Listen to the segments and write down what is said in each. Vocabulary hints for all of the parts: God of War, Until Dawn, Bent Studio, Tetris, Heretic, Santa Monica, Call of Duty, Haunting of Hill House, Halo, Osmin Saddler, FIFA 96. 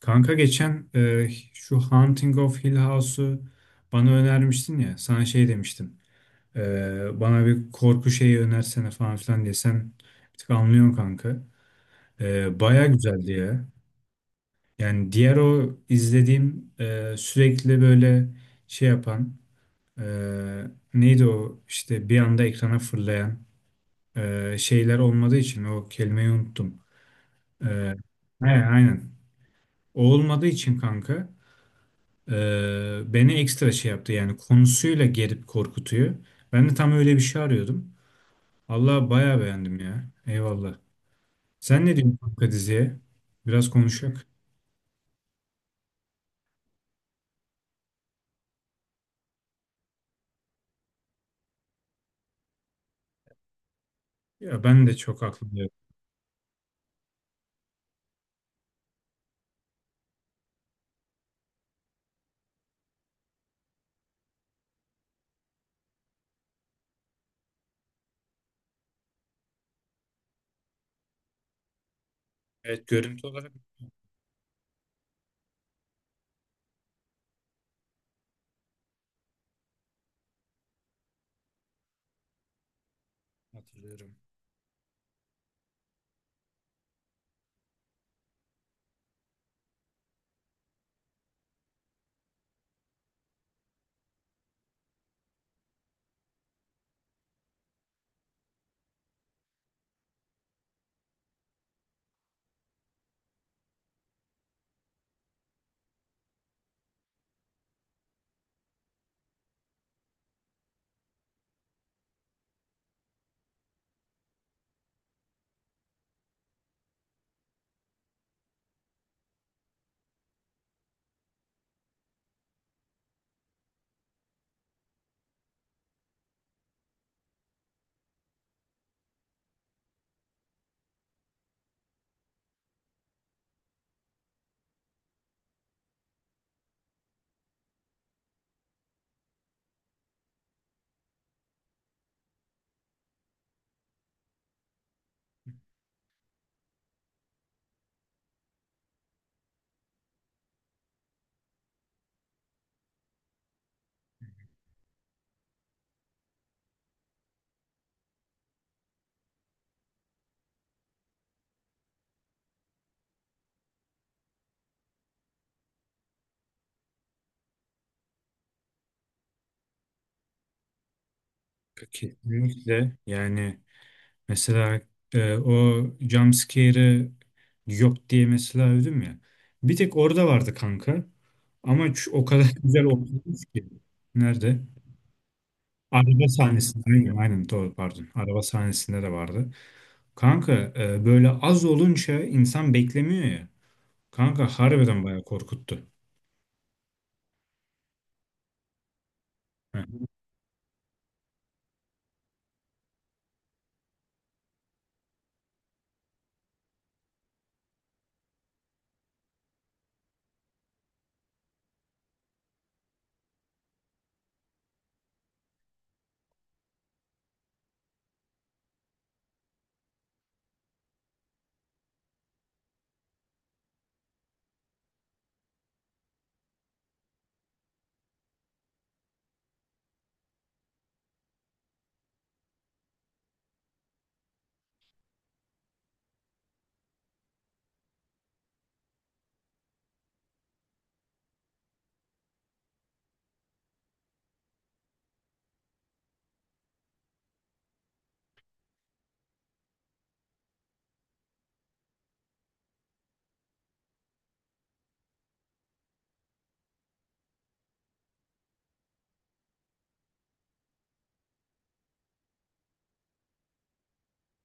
Kanka geçen şu Haunting of Hill House'u bana önermiştin ya. Sana şey demiştim. Bana bir korku şeyi önersene falan filan diye. Sen bir tık anlıyorsun kanka. Baya güzeldi ya. Yani diğer o izlediğim sürekli böyle şey yapan e, neydi o işte bir anda ekrana fırlayan şeyler olmadığı için o kelimeyi unuttum. E, he, aynen. O olmadığı için kanka, beni ekstra şey yaptı yani konusuyla gerip korkutuyor. Ben de tam öyle bir şey arıyordum. Allah bayağı beğendim ya. Eyvallah. Sen ne diyorsun kanka diziye? Biraz konuşak. Ya ben de çok aklımda yok. Evet, görüntü olarak hatırlıyorum. Kesinlikle yani mesela o jump scare'ı yok diye mesela övdüm ya. Bir tek orada vardı kanka. Ama o kadar güzel oturmuş ki. Nerede? Araba sahnesinde aynen, aynen doğru, pardon. Araba sahnesinde de vardı. Kanka, böyle az olunca insan beklemiyor ya. Kanka harbiden bayağı korkuttu. Heh.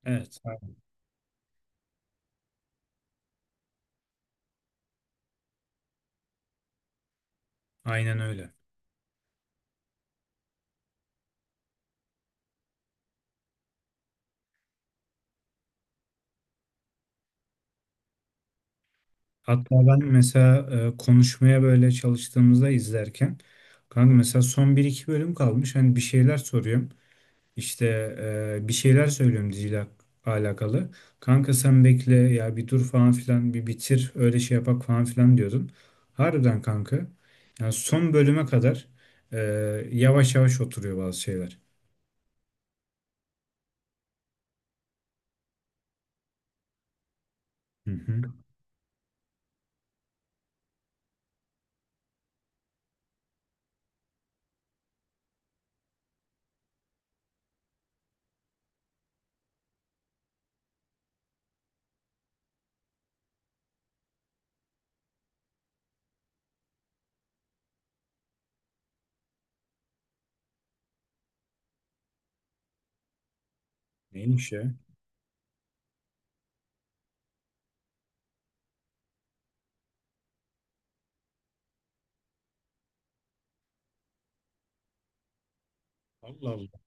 Evet. Aynen. Aynen öyle. Hatta ben mesela konuşmaya böyle çalıştığımızda izlerken kanka mesela son bir iki bölüm kalmış. Hani bir şeyler soruyorum. İşte bir şeyler söylüyorum diziyle alakalı. Kanka sen bekle ya, bir dur falan filan, bir bitir öyle şey yapak falan filan diyordun. Harbiden kanka. Yani son bölüme kadar e, yavaş yavaş oturuyor bazı şeyler. Hı hı. Neymiş ya? Allah Allah.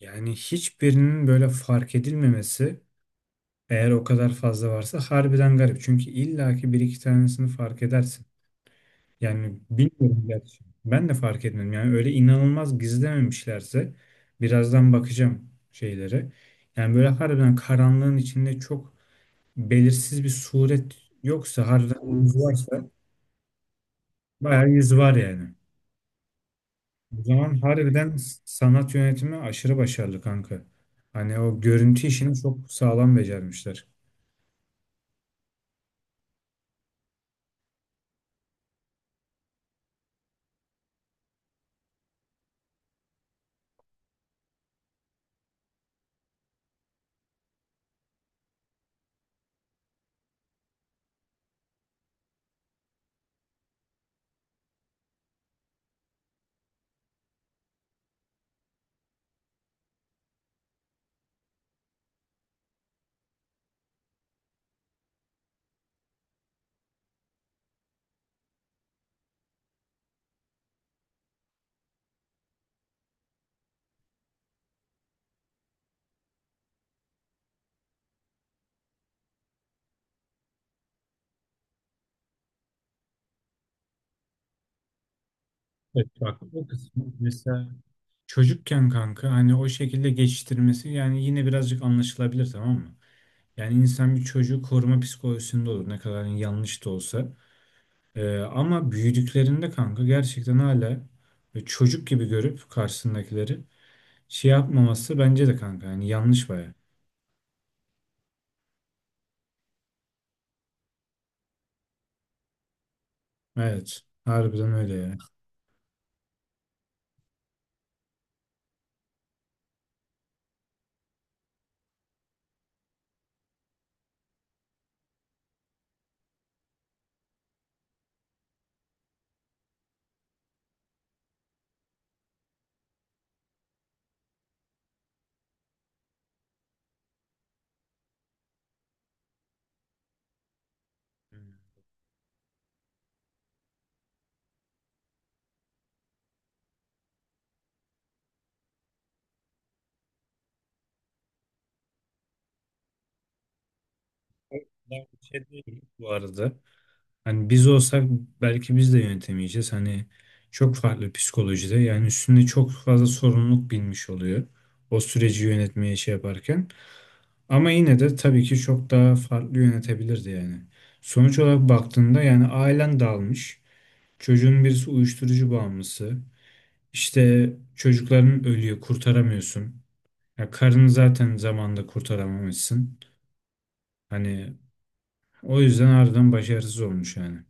Yani hiçbirinin böyle fark edilmemesi, eğer o kadar fazla varsa harbiden garip. Çünkü illaki bir iki tanesini fark edersin. Yani bilmiyorum gerçi. Ben de fark etmedim. Yani öyle inanılmaz gizlememişlerse birazdan bakacağım şeylere. Yani böyle harbiden karanlığın içinde çok belirsiz bir suret yoksa harbiden yüz varsa, bayağı yüz var yani. O zaman harbiden sanat yönetimi aşırı başarılı kanka. Hani o görüntü işini çok sağlam becermişler. Evet, bak o kısmı mesela çocukken kanka hani o şekilde geçiştirmesi yani yine birazcık anlaşılabilir, tamam mı? Yani insan bir çocuğu koruma psikolojisinde olur, ne kadar yanlış da olsa. Ama büyüdüklerinde kanka gerçekten hala böyle çocuk gibi görüp karşısındakileri şey yapmaması bence de kanka yani yanlış baya. Evet, harbiden öyle ya. Ben bir şey değil bu arada. Hani biz olsak belki biz de yönetemeyeceğiz. Hani çok farklı psikolojide, yani üstünde çok fazla sorumluluk binmiş oluyor. O süreci yönetmeye şey yaparken. Ama yine de tabii ki çok daha farklı yönetebilirdi yani. Sonuç olarak baktığında yani ailen dağılmış. Çocuğun birisi uyuşturucu bağımlısı. İşte çocukların ölüyor, kurtaramıyorsun. Ya karını zaten zamanında kurtaramamışsın. Hani o yüzden harbiden başarısız olmuş yani.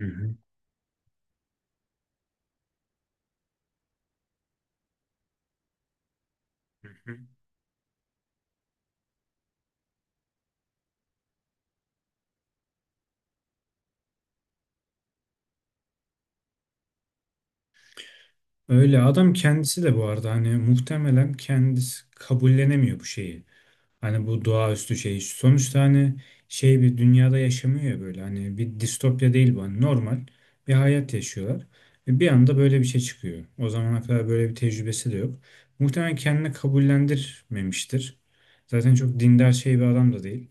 Hı hı. Hı hı. Öyle adam kendisi de bu arada hani muhtemelen kendisi kabullenemiyor bu şeyi. Hani bu doğaüstü şey. Sonuçta hani şey bir dünyada yaşamıyor ya böyle. Hani bir distopya değil bu. Hani normal bir hayat yaşıyorlar. Ve bir anda böyle bir şey çıkıyor. O zamana kadar böyle bir tecrübesi de yok. Muhtemelen kendini kabullendirmemiştir. Zaten çok dindar şey bir adam da değil.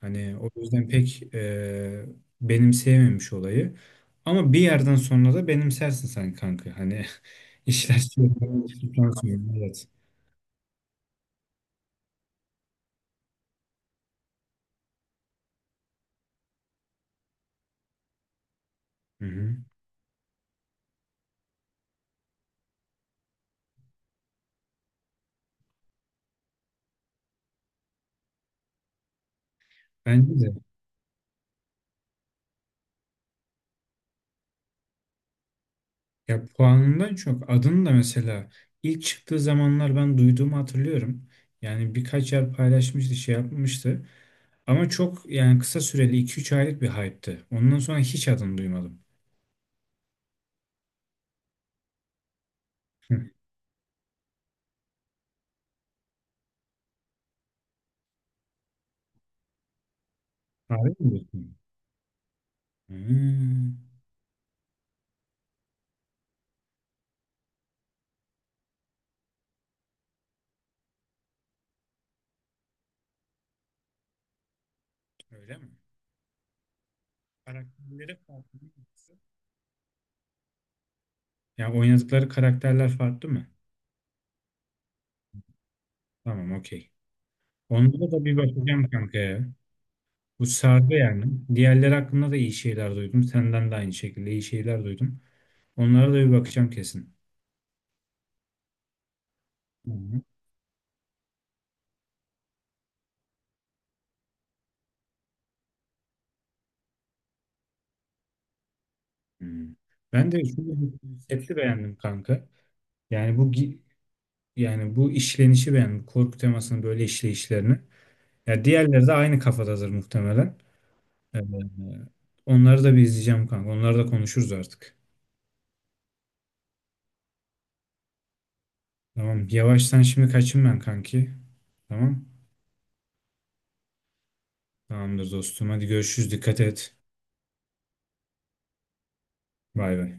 Hani o yüzden pek benimseyememiş olayı. Ama bir yerden sonra da benimsersin sen kanka. Hani işler şey olduktan sonra. Evet. Hı hı. Bence de. Ya puanından çok adını da mesela ilk çıktığı zamanlar ben duyduğumu hatırlıyorum. Yani birkaç yer paylaşmıştı, şey yapmıştı. Ama çok yani kısa süreli 2 3 aylık bir hype'tı. Ondan sonra hiç adını duymadım. Hı. Harbi mi diyorsun? Hmm, öyle mi? Karakterleri farklı mı yoksa? Ya oynadıkları karakterler farklı mı? Tamam, okey. Onlara da bir bakacağım kanka ya. Bu sardı yani. Diğerleri hakkında da iyi şeyler duydum. Senden de aynı şekilde iyi şeyler duydum. Onlara da bir bakacağım kesin. Hı hı. Hı. Ben de şunu, konsepti beğendim kanka. Yani yani bu işlenişi beğendim. Korku temasının böyle işleyişlerini. Ya diğerleri de aynı kafadadır muhtemelen. Ee, Onları da bir izleyeceğim kanka. Onları da konuşuruz artık. Tamam. Yavaştan şimdi kaçayım ben kanki. Tamam. Tamamdır dostum. Hadi görüşürüz. Dikkat et. Bay bay.